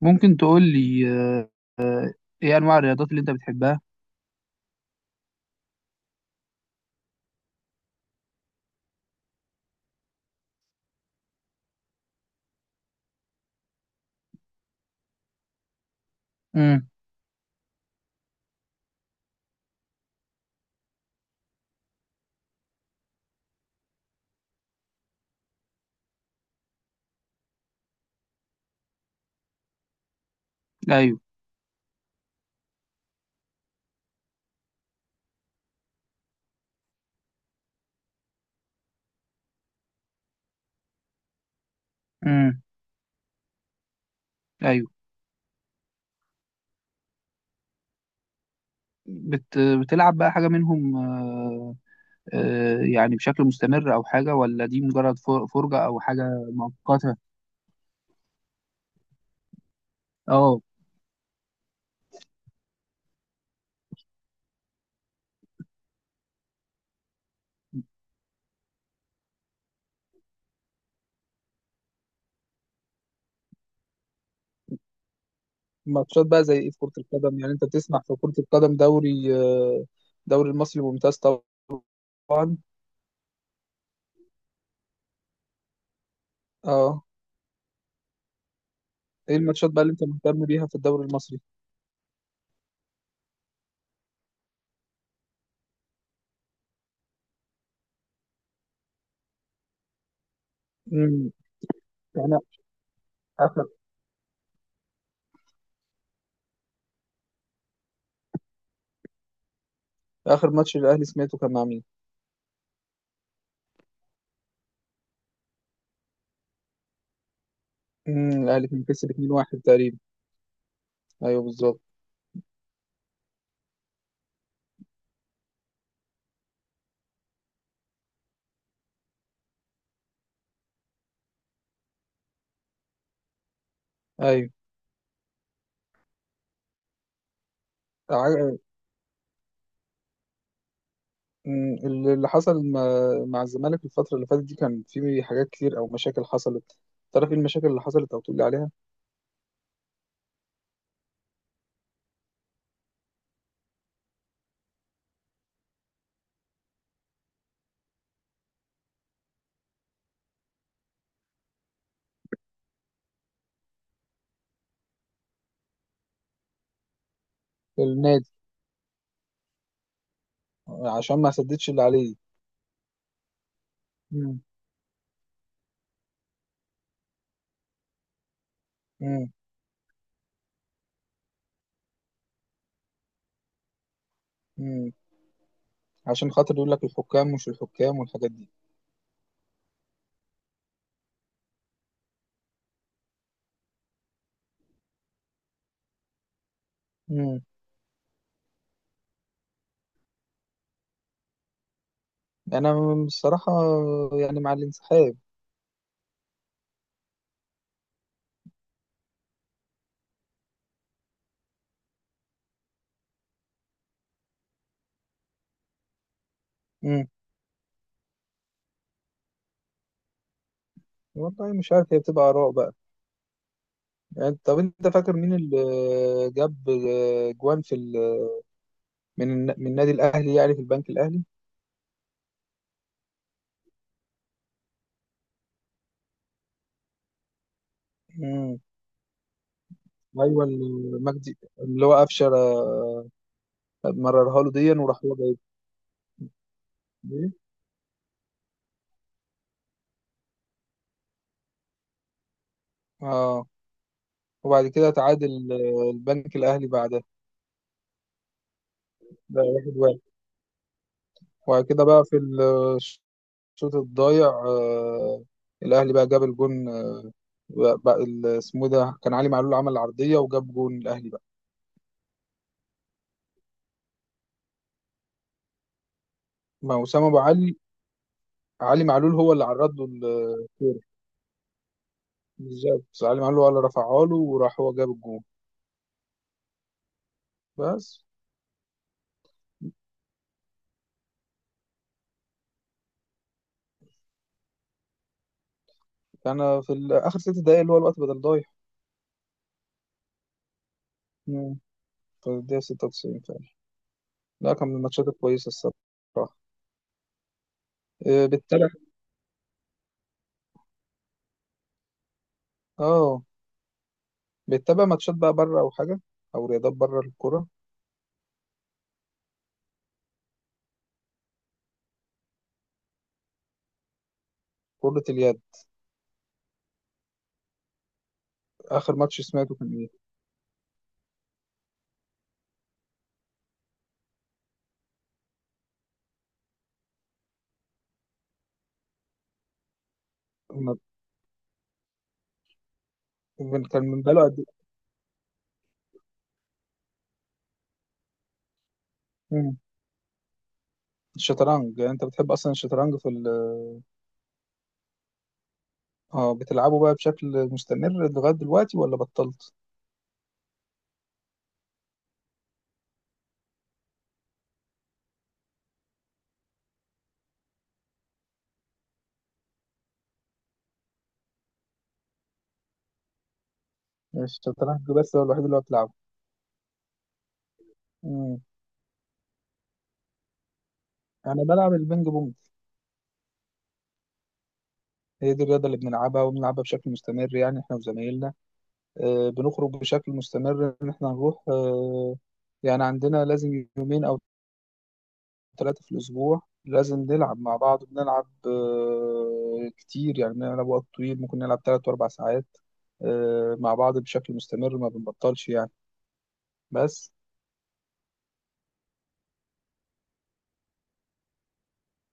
ممكن تقول لي، آه، ايه انواع الرياضات اللي انت بتحبها. امم. ايوه. امم. ايوه. بتلعب بقى حاجه منهم؟ يعني بشكل مستمر او حاجه، ولا دي مجرد فرجه او حاجه مؤقته؟ اه. ماتشات بقى زي ايه في كرة القدم؟ يعني انت بتسمع في كرة القدم دوري، دوري المصري ممتاز. طبعا. اه. ايه الماتشات بقى اللي انت مهتم بيها في الدوري المصري؟ امم. انا، اخر اخر ماتش الاهلي سمعته كان مع مين؟ امم. الاهلي كان كسب 2-1 تقريبا. ايوه بالظبط. ايوه. ع- اللي حصل مع مع الزمالك الفترة اللي فاتت دي، كان في حاجات كتير او مشاكل حصلت. تعرف ايه المشاكل اللي حصلت او تقول لي عليها؟ النادي. عشان ما سددش اللي عليه. مم. مم. مم. عشان خاطر يقول لك الحكام مش الحكام والحاجات دي. مم. انا، بصراحة يعني مع الانسحاب. مم. والله مش عارف، هي بتبقى آراء بقى. يعني طب انت فاكر مين اللي جاب جوان في ال... من من النادي الاهلي، يعني في البنك الاهلي؟ مم. ايوه المجدي اللي هو قفشه، مررها له ديا وراح هو جايب. ليه؟ اه. وبعد كده تعادل، البنك الاهلي بعدها. ده واحد واحد. وبعد كده بقى في الشوط الضايع، الاهلي بقى جاب الجون، بقى ال- اسمه إيه ده، كان علي معلول عمل عرضيه وجاب جون الاهلي بقى. ما وسام ابو علي، علي معلول هو اللي عرض له الكوره. بالظبط، علي معلول هو اللي رفعها له وراح هو جاب الجون. بس كان في ال- اخر ست دقايق اللي هو الوقت بدل ضايع. الدقيقة 96 فعلا. لا كان من الماتشات الكويسة الصراحة. بتتابع؟ اه. بتتابع ماتشات بقى بره أو حاجة؟ أو رياضات بره الكورة؟ كرة اليد. آخر ماتش سمعته كان إيه؟ كان كان من بقاله قد إيه؟ مم. الشطرنج، يعني أنت بتحب أصلا الشطرنج في ال... اه. بتلعبه بقى بشكل مستمر لغاية دلوقتي ولا بطلت؟ يعني الشطرنج بس هو الوحيد اللي هو بتلعبه. مم. أنا بلعب البينج بونج. هي دي الرياضة اللي بنلعبها، وبنلعبها بشكل مستمر يعني إحنا وزمايلنا. بنخرج بشكل مستمر ان احنا هنروح. يعني عندنا لازم يومين او ثلاثة في الاسبوع لازم نلعب مع بعض. بنلعب، كتير يعني، بنلعب وقت طويل، ممكن نلعب ثلاث واربع ساعات، مع بعض بشكل مستمر ما بنبطلش يعني. بس.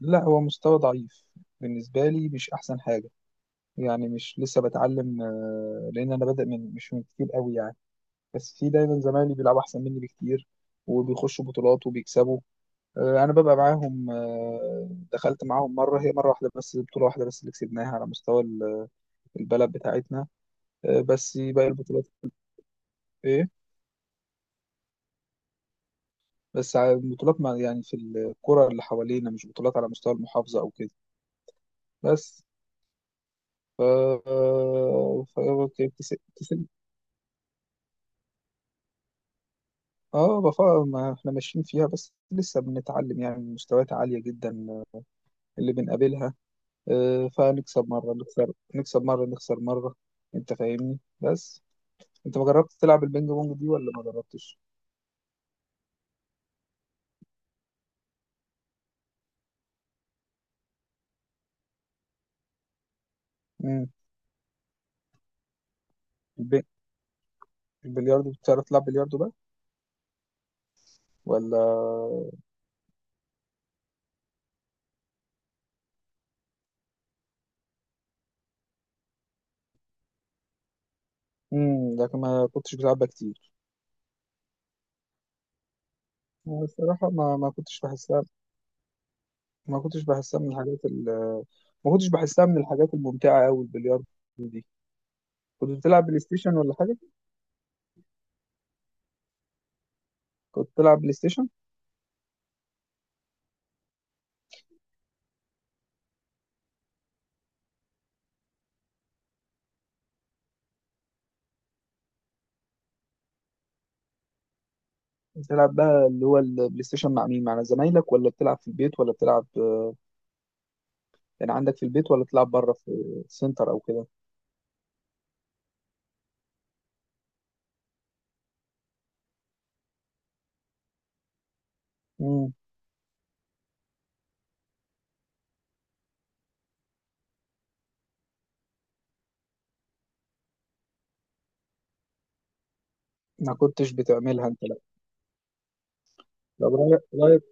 لا هو مستوى ضعيف بالنسبة لي، مش احسن حاجة. يعني مش لسه بتعلم، لان انا بادئ من مش من كتير قوي يعني. بس في دايما زمايلي بيلعبوا احسن مني بكتير، وبيخشوا بطولات وبيكسبوا. انا ببقى معاهم. دخلت معاهم مره، هي مره واحده بس، بطوله واحده بس اللي كسبناها على مستوى البلد بتاعتنا. بس باقي البطولات، ايه، بس على البطولات، ما يعني في الكره اللي حوالينا مش بطولات على مستوى المحافظه او كده. بس. ف ف أوكي، كسب. اه، بفا ما احنا ماشيين فيها بس لسه بنتعلم، يعني مستويات عاليه جدا، اللي بنقابلها. فنكسب مره نخسر، نكسب مره نخسر مره. انت فاهمني. بس انت ما جربت تلعب البينج بونج دي ولا ما جربتش؟ امم. البي... البلياردو بتعرف تلعب بلياردو بقى ولا؟ امم، لكن ما كنتش بلعبها كتير. أنا الصراحه ما كنتش بحسها. ما كنتش بحسها من الحاجات ال... ما كنتش بحسها من الحاجات الممتعه قوي البلياردو دي. كنت بتلعب بلاي ستيشن ولا حاجه؟ كنت بتلعب بلاي ستيشن؟ بتلعب بقى اللي هو البلاي ستيشن مع مين؟ مع زمايلك ولا بتلعب في البيت؟ ولا بتلعب يعني عندك في البيت ولا بتلعب بره في سنتر او كده؟ امم. ما كنتش بتعملها انت، لا. طب رأيك،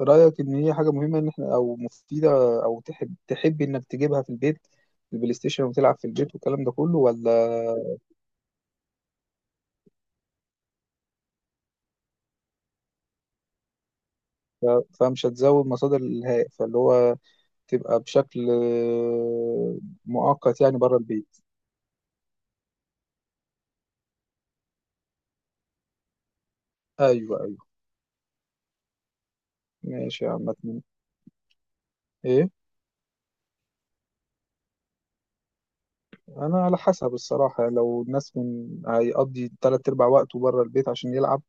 رأيك إن هي حاجة مهمة إن إحنا، أو مفيدة، أو تحب تحب إنك تجيبها في البيت، البلاي ستيشن، وتلعب في البيت والكلام ده كله ولا؟ فمش هتزود مصادر الإلهاء، فاللي هو تبقى بشكل، مؤقت يعني بره البيت. أيوه أيوه. ماشي يا عم. أتمنى، إيه. أنا على حسب الصراحة يعني، لو الناس من هيقضي تلات أرباع وقته بره البيت عشان يلعب،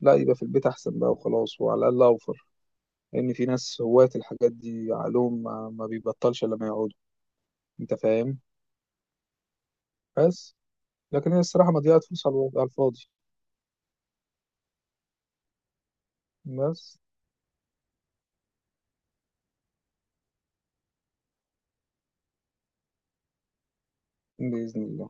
لا يبقى في البيت أحسن بقى وخلاص، وعلى الأقل أوفر، لأن في ناس هواة الحاجات دي عقلهم ما بيبطلش إلا لما يقعدوا. أنت فاهم. بس. لكن هي الصراحة مضيعة فلوس على على الفاضي. بس. بإذن الله.